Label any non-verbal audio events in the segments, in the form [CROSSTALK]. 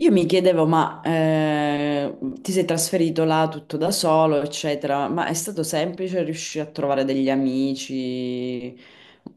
Io mi chiedevo, ma ti sei trasferito là tutto da solo, eccetera, ma è stato semplice riuscire a trovare degli amici?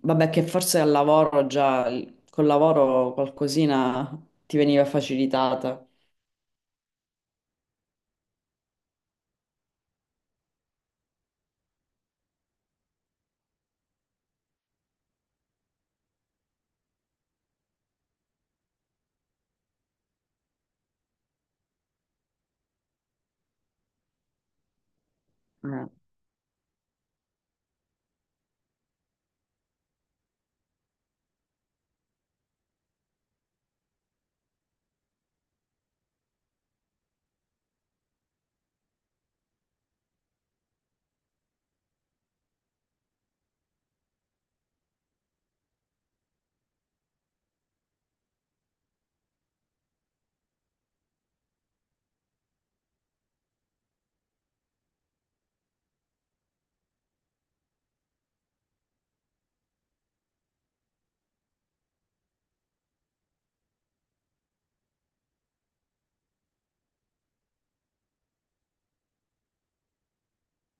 Vabbè, che forse al lavoro già, col lavoro qualcosina ti veniva facilitata.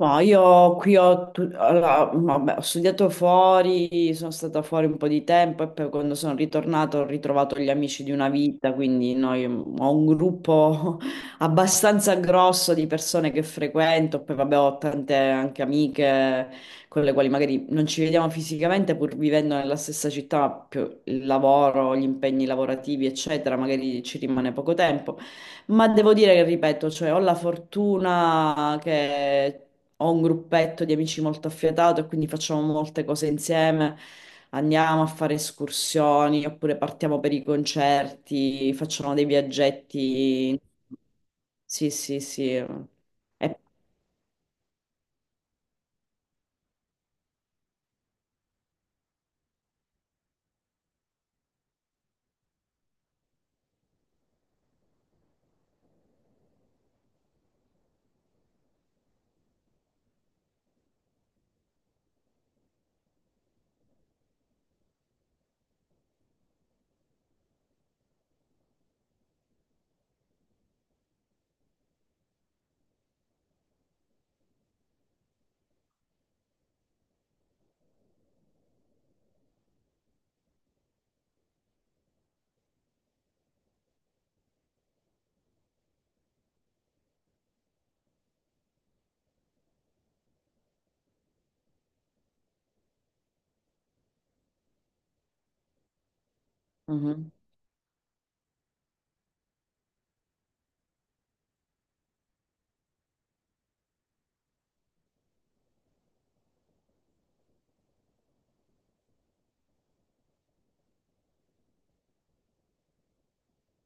Ma io qui ho, allora, vabbè, ho studiato fuori, sono stata fuori un po' di tempo e poi quando sono ritornata ho ritrovato gli amici di una vita, quindi noi, ho un gruppo [LAUGHS] abbastanza grosso di persone che frequento, poi vabbè ho tante anche amiche con le quali magari non ci vediamo fisicamente pur vivendo nella stessa città, ma più il lavoro, gli impegni lavorativi, eccetera, magari ci rimane poco tempo. Ma devo dire che, ripeto, cioè, ho la fortuna che ho un gruppetto di amici molto affiatato e quindi facciamo molte cose insieme. Andiamo a fare escursioni oppure partiamo per i concerti, facciamo dei viaggetti. Sì, sì, sì. E... Mhm.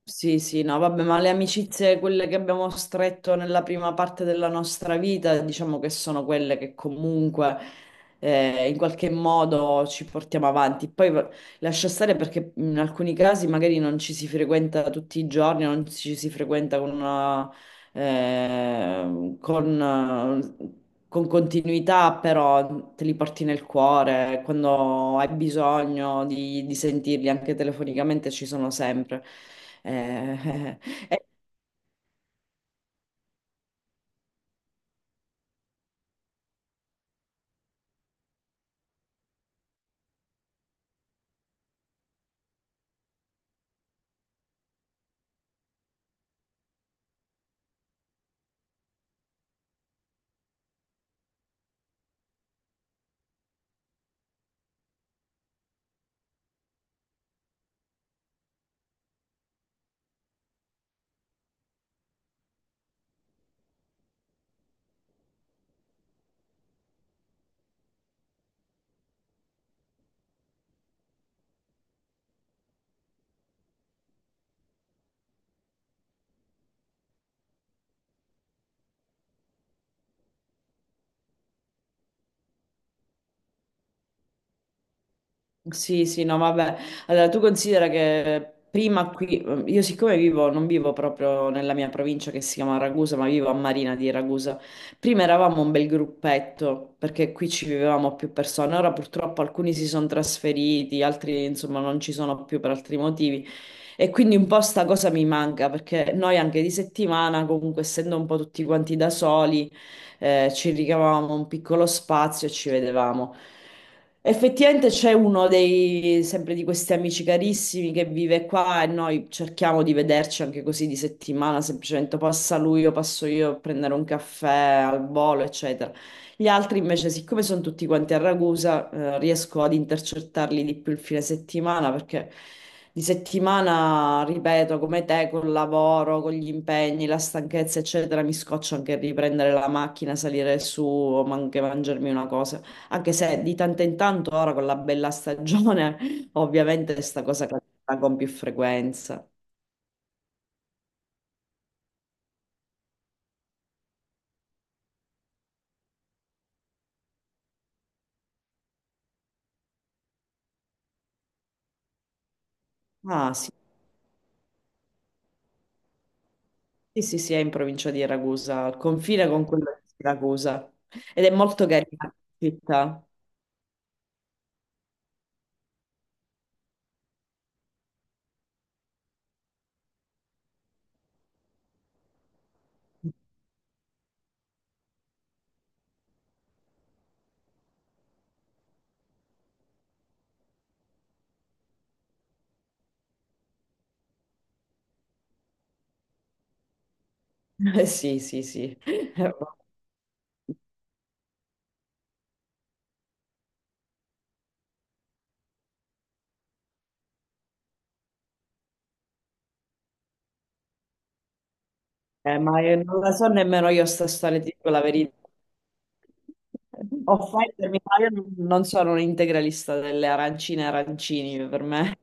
Sì, sì, no, vabbè, ma le amicizie, quelle che abbiamo stretto nella prima parte della nostra vita, diciamo che sono quelle che comunque in qualche modo ci portiamo avanti. Poi lascia stare perché in alcuni casi magari non ci si frequenta tutti i giorni, non ci si frequenta con eh, con, con continuità, però te li porti nel cuore, quando hai bisogno di sentirli anche telefonicamente ci sono sempre. Eh, [LAUGHS] e sì, sì, no, vabbè. Allora, tu considera che prima qui, io siccome vivo, non vivo proprio nella mia provincia che si chiama Ragusa, ma vivo a Marina di Ragusa. Prima eravamo un bel gruppetto, perché qui ci vivevamo più persone. Ora purtroppo alcuni si sono trasferiti, altri insomma non ci sono più per altri motivi. E quindi un po' sta cosa mi manca, perché noi anche di settimana, comunque essendo un po' tutti quanti da soli, ci ricavavamo un piccolo spazio e ci vedevamo. Effettivamente c'è uno dei, sempre di questi amici carissimi che vive qua e noi cerchiamo di vederci anche così di settimana, semplicemente passa lui o passo io a prendere un caffè al volo, eccetera. Gli altri invece, siccome sono tutti quanti a Ragusa, riesco ad intercettarli di più il fine settimana perché di settimana, ripeto, come te, col lavoro, con gli impegni, la stanchezza, eccetera, mi scoccio anche riprendere la macchina, salire su o anche mangiarmi una cosa. Anche se di tanto in tanto ora con la bella stagione, [LAUGHS] ovviamente sta cosa capita con più frequenza. Ah, sì, sì, sì, sì, è in provincia di Ragusa, al confine con quella di Siracusa. Ed è molto carina la città. [LAUGHS] Sì, sì, sì. Ma io non la so nemmeno io sta storia, ti dico la verità. Offendermi, ma io non so, non sono un integralista delle arancine e arancini per me.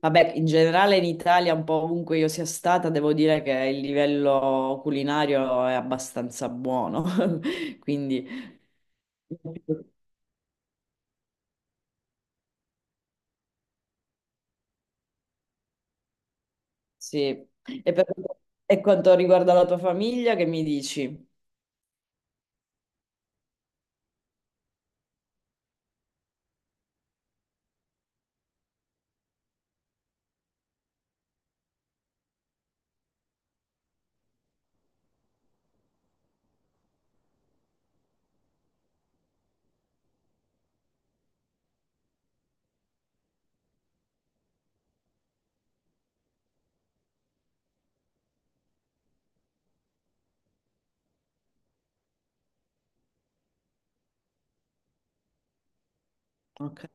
Vabbè, in generale in Italia, un po' ovunque io sia stata, devo dire che il livello culinario è abbastanza buono, [LAUGHS] quindi sì. E per e quanto riguarda la tua famiglia, che mi dici? Ok.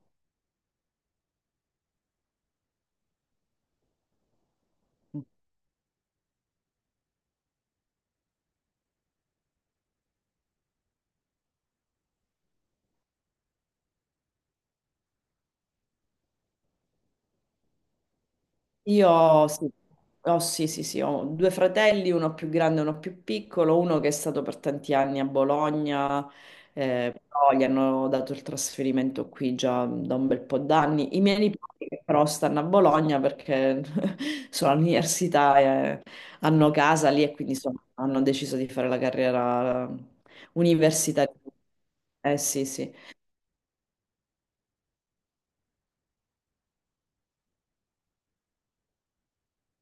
Io sì. Sì, sì, sì, ho due fratelli, uno più grande e uno più piccolo, uno che è stato per tanti anni a Bologna, però gli hanno dato il trasferimento qui già da un bel po' d'anni. I miei nipoti che però stanno a Bologna perché [LAUGHS] sono all'università e hanno casa lì e quindi hanno deciso di fare la carriera universitaria. Eh sì, sì.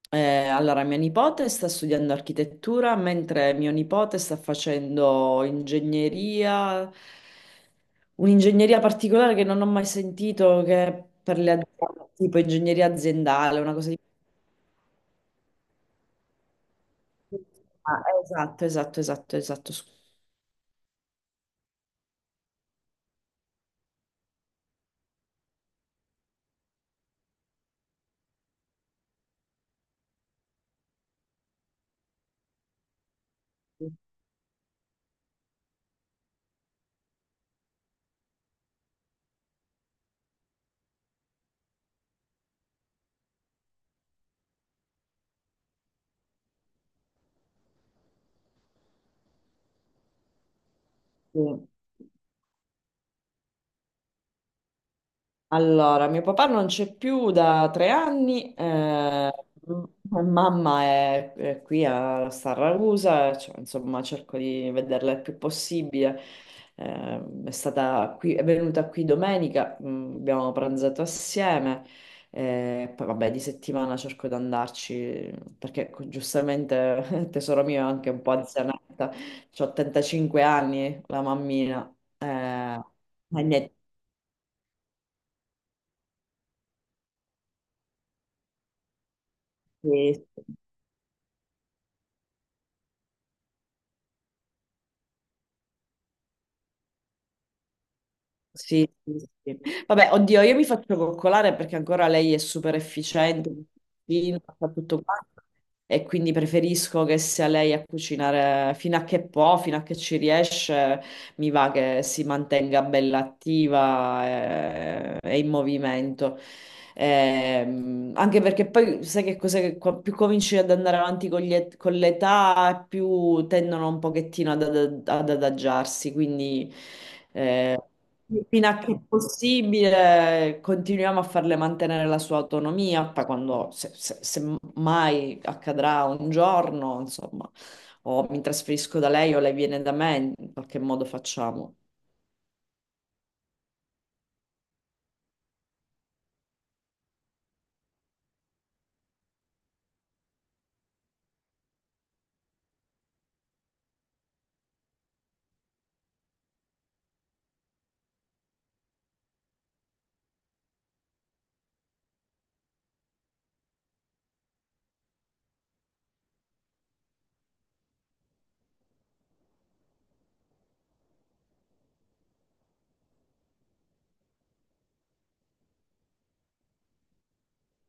Allora, mia nipote sta studiando architettura, mentre mio nipote sta facendo ingegneria, un'ingegneria particolare che non ho mai sentito, che è per le aziende, tipo ingegneria aziendale, una cosa di... Ah, esatto, esatto, esatto, esatto. Scusi. Sì. Allora, mio papà non c'è più da 3 anni. M- Mamma è qui a Sarragusa, cioè, insomma cerco di vederla il più possibile. È stata qui, è venuta qui domenica, abbiamo pranzato assieme, poi vabbè di settimana cerco di andarci perché giustamente [LAUGHS] tesoro mio è anche un po' anzianetta, ho 85 anni, la mammina. eh, e niente. Sì, sì, sì. Vabbè, oddio, io mi faccio coccolare perché ancora lei è super efficiente, cucina, fa tutto quanto e quindi preferisco che sia lei a cucinare fino a che può, fino a che ci riesce, mi va che si mantenga bella attiva, e in movimento. Anche perché poi sai che cos'è che più cominci ad andare avanti con con l'età, più tendono un pochettino ad adagiarsi, quindi... eh, Fino a che è possibile continuiamo a farle mantenere la sua autonomia, poi quando, se mai accadrà un giorno, insomma, o mi trasferisco da lei o lei viene da me, in qualche modo facciamo.